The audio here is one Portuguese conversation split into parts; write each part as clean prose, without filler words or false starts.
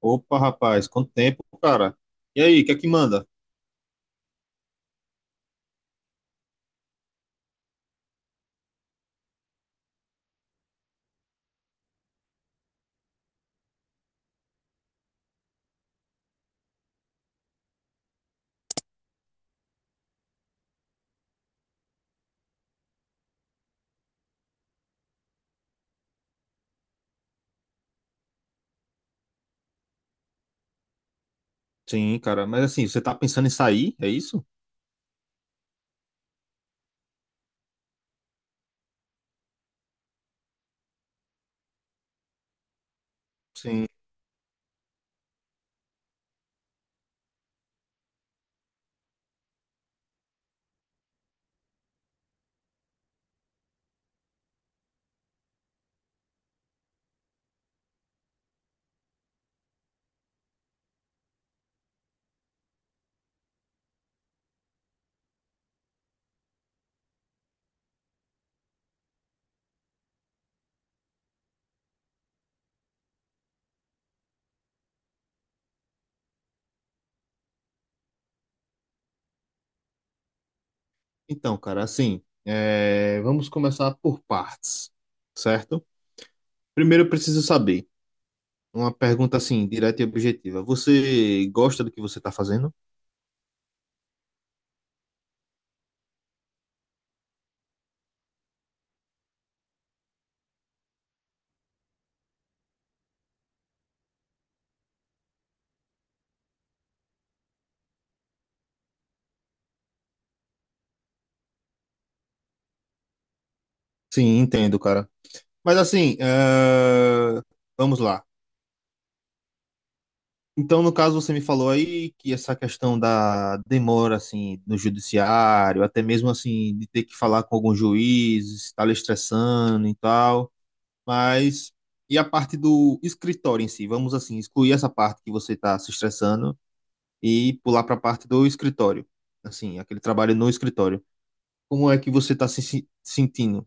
Opa, rapaz, quanto tempo, cara? E aí, o que é que manda? Sim, cara, mas assim, você tá pensando em sair, é isso? Sim. Então, cara, assim, é, vamos começar por partes, certo? Primeiro eu preciso saber, uma pergunta assim, direta e objetiva. Você gosta do que você tá fazendo? Sim, entendo, cara. Mas assim, é, vamos lá. Então, no caso, você me falou aí que essa questão da demora, assim, no judiciário, até mesmo, assim, de ter que falar com algum juiz, estar lhe estressando e tal, mas e a parte do escritório em si? Vamos, assim, excluir essa parte que você está se estressando e pular para a parte do escritório, assim, aquele trabalho no escritório. Como é que você está se sentindo?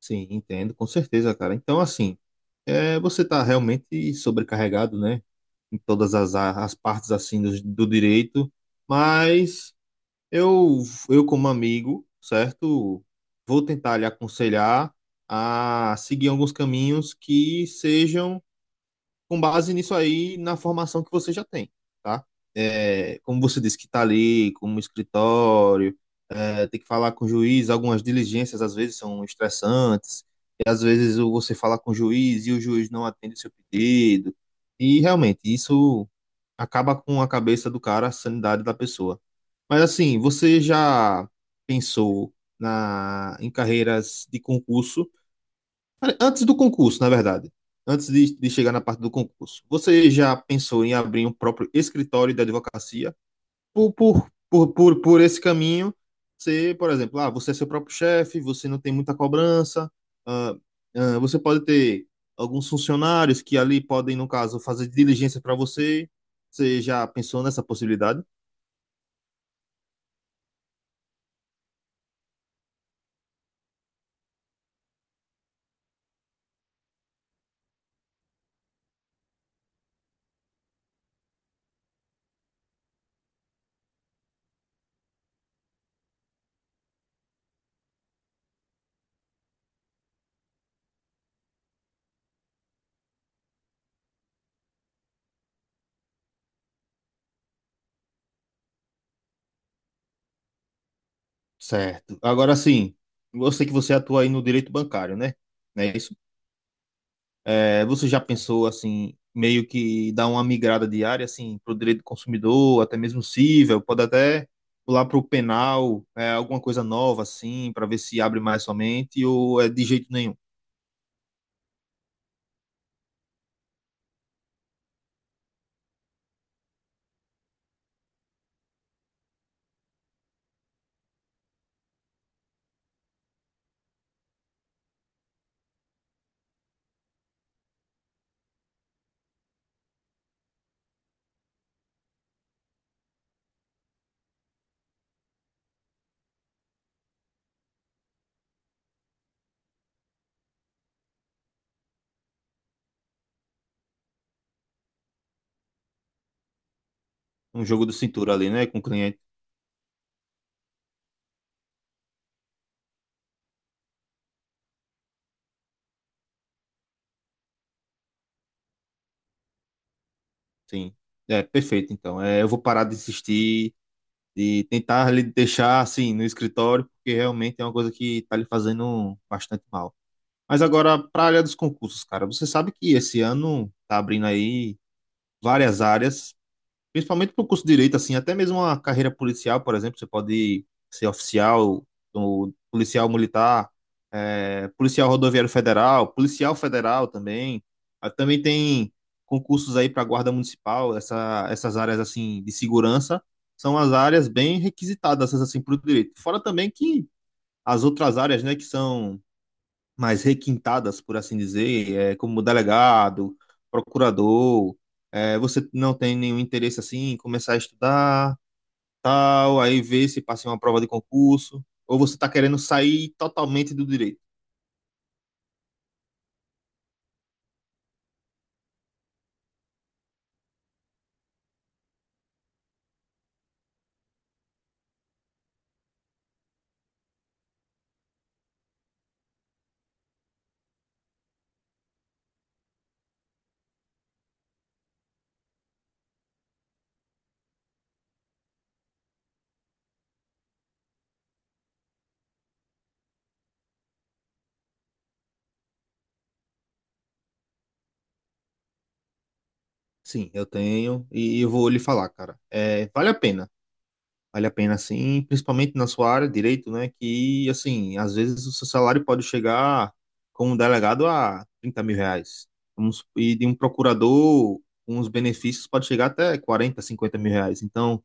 Sim, entendo, com certeza, cara. Então, assim, é, você está realmente sobrecarregado, né? Em todas as partes assim do, do direito, mas eu, eu como amigo, certo, vou tentar lhe aconselhar a seguir alguns caminhos que sejam com base nisso aí na formação que você já tem, tá? É, como você disse que está ali, como escritório, é, tem que falar com o juiz, algumas diligências às vezes são estressantes, e às vezes você fala com o juiz e o juiz não atende o seu pedido, e realmente isso acaba com a cabeça do cara, a sanidade da pessoa. Mas assim, você já pensou na em carreiras de concurso? Antes do concurso, na verdade. Antes de chegar na parte do concurso. Você já pensou em abrir um próprio escritório de advocacia? Por esse caminho, ser, por exemplo, ah, você é seu próprio chefe, você não tem muita cobrança, ah, ah, você pode ter alguns funcionários que ali podem, no caso, fazer diligência para você. Você já pensou nessa possibilidade? Certo. Agora sim, eu sei que você atua aí no direito bancário, né? Não é isso? É, você já pensou assim, meio que dar uma migrada de área assim, para o direito do consumidor, até mesmo cível, pode até pular para o penal, é, alguma coisa nova assim, para ver se abre mais somente, ou é de jeito nenhum. Um jogo de cintura ali, né, com o cliente. Sim. É, perfeito, então. É, eu vou parar de insistir, de tentar lhe deixar assim no escritório, porque realmente é uma coisa que está lhe fazendo bastante mal. Mas agora, para a área dos concursos, cara, você sabe que esse ano tá abrindo aí várias áreas. Principalmente para o curso de direito, assim, até mesmo uma carreira policial. Por exemplo, você pode ser oficial, ou policial militar, policial rodoviário federal, policial federal também. Ah, também tem concursos aí para guarda municipal, essas áreas assim de segurança são as áreas bem requisitadas assim para o direito. Fora também que as outras áreas, né, que são mais requintadas, por assim dizer, é, como delegado, procurador, é, você não tem nenhum interesse assim em começar a estudar, tal, aí ver se passa em uma prova de concurso, ou você está querendo sair totalmente do direito? Sim, eu tenho e eu vou lhe falar, cara. É, vale a pena. Vale a pena, sim, principalmente na sua área, direito, né? Que, assim, às vezes o seu salário pode chegar, como delegado, a 30 mil reais. E de um procurador, com os benefícios, pode chegar até 40, 50 mil reais. Então,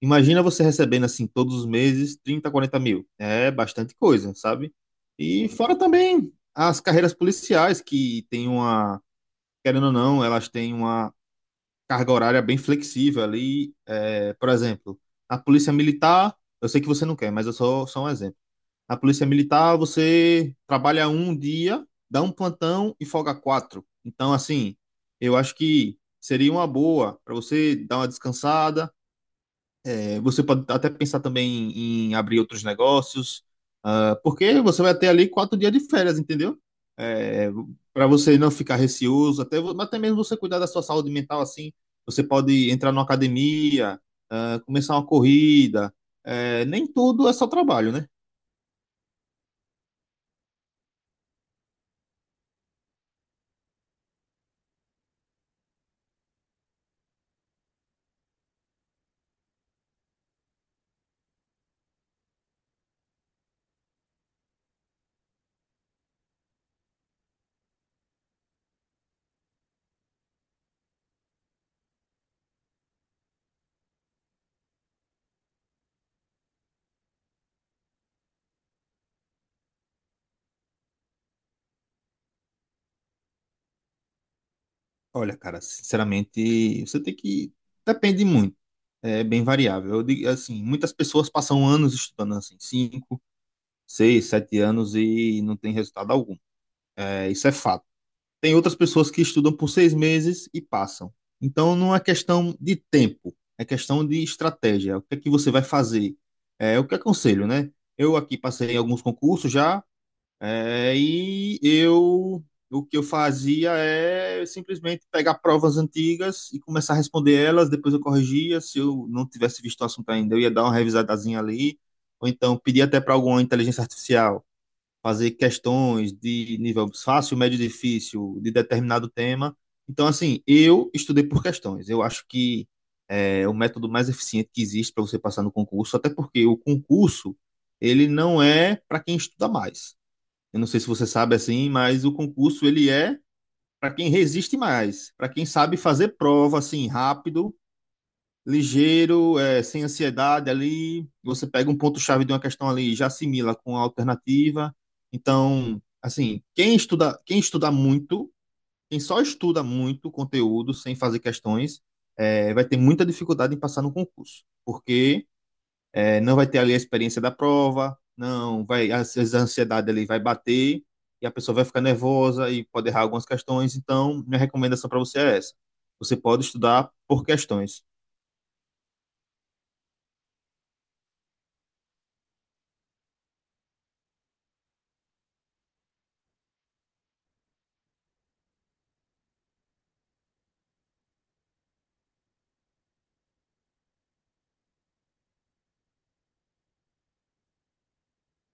imagina você recebendo, assim, todos os meses, 30, 40 mil. É bastante coisa, sabe? E fora também as carreiras policiais, que tem uma, querendo ou não, elas têm uma carga horária bem flexível ali. É, por exemplo, a polícia militar, eu sei que você não quer, mas eu sou só um exemplo. A polícia militar, você trabalha um dia, dá um plantão e folga quatro. Então, assim, eu acho que seria uma boa para você dar uma descansada. É, você pode até pensar também em abrir outros negócios, ah, porque você vai ter ali 4 dias de férias, entendeu? É, para você não ficar receoso, até, até mesmo você cuidar da sua saúde mental assim. Você pode entrar numa academia, ah, começar uma corrida. Nem tudo é só trabalho, né? Olha, cara, sinceramente, você tem que. Depende muito, é bem variável. Eu digo assim, muitas pessoas passam anos estudando assim, 5, 6, 7 anos e não tem resultado algum. É, isso é fato. Tem outras pessoas que estudam por 6 meses e passam. Então, não é questão de tempo, é questão de estratégia. O que é que você vai fazer? É o que aconselho, né? Eu aqui passei em alguns concursos já, é, e eu o que eu fazia é simplesmente pegar provas antigas e começar a responder elas, depois eu corrigia. Se eu não tivesse visto o assunto ainda, eu ia dar uma revisadazinha ali, ou então pedir até para alguma inteligência artificial fazer questões de nível fácil, médio, difícil, de determinado tema. Então, assim, eu estudei por questões. Eu acho que é o método mais eficiente que existe para você passar no concurso, até porque o concurso, ele não é para quem estuda mais. Eu não sei se você sabe assim, mas o concurso, ele é para quem resiste mais, para quem sabe fazer prova assim rápido ligeiro, é, sem ansiedade ali. Você pega um ponto-chave de uma questão ali, e já assimila com a alternativa. Então, assim, quem estuda muito, quem só estuda muito conteúdo sem fazer questões, é, vai ter muita dificuldade em passar no concurso, porque é, não vai ter ali a experiência da prova, não vai, às vezes a ansiedade ali vai bater e a pessoa vai ficar nervosa e pode errar algumas questões. Então, minha recomendação para você é essa. Você pode estudar por questões.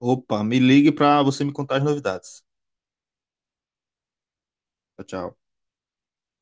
Opa, me ligue para você me contar as novidades. Tchau, tchau.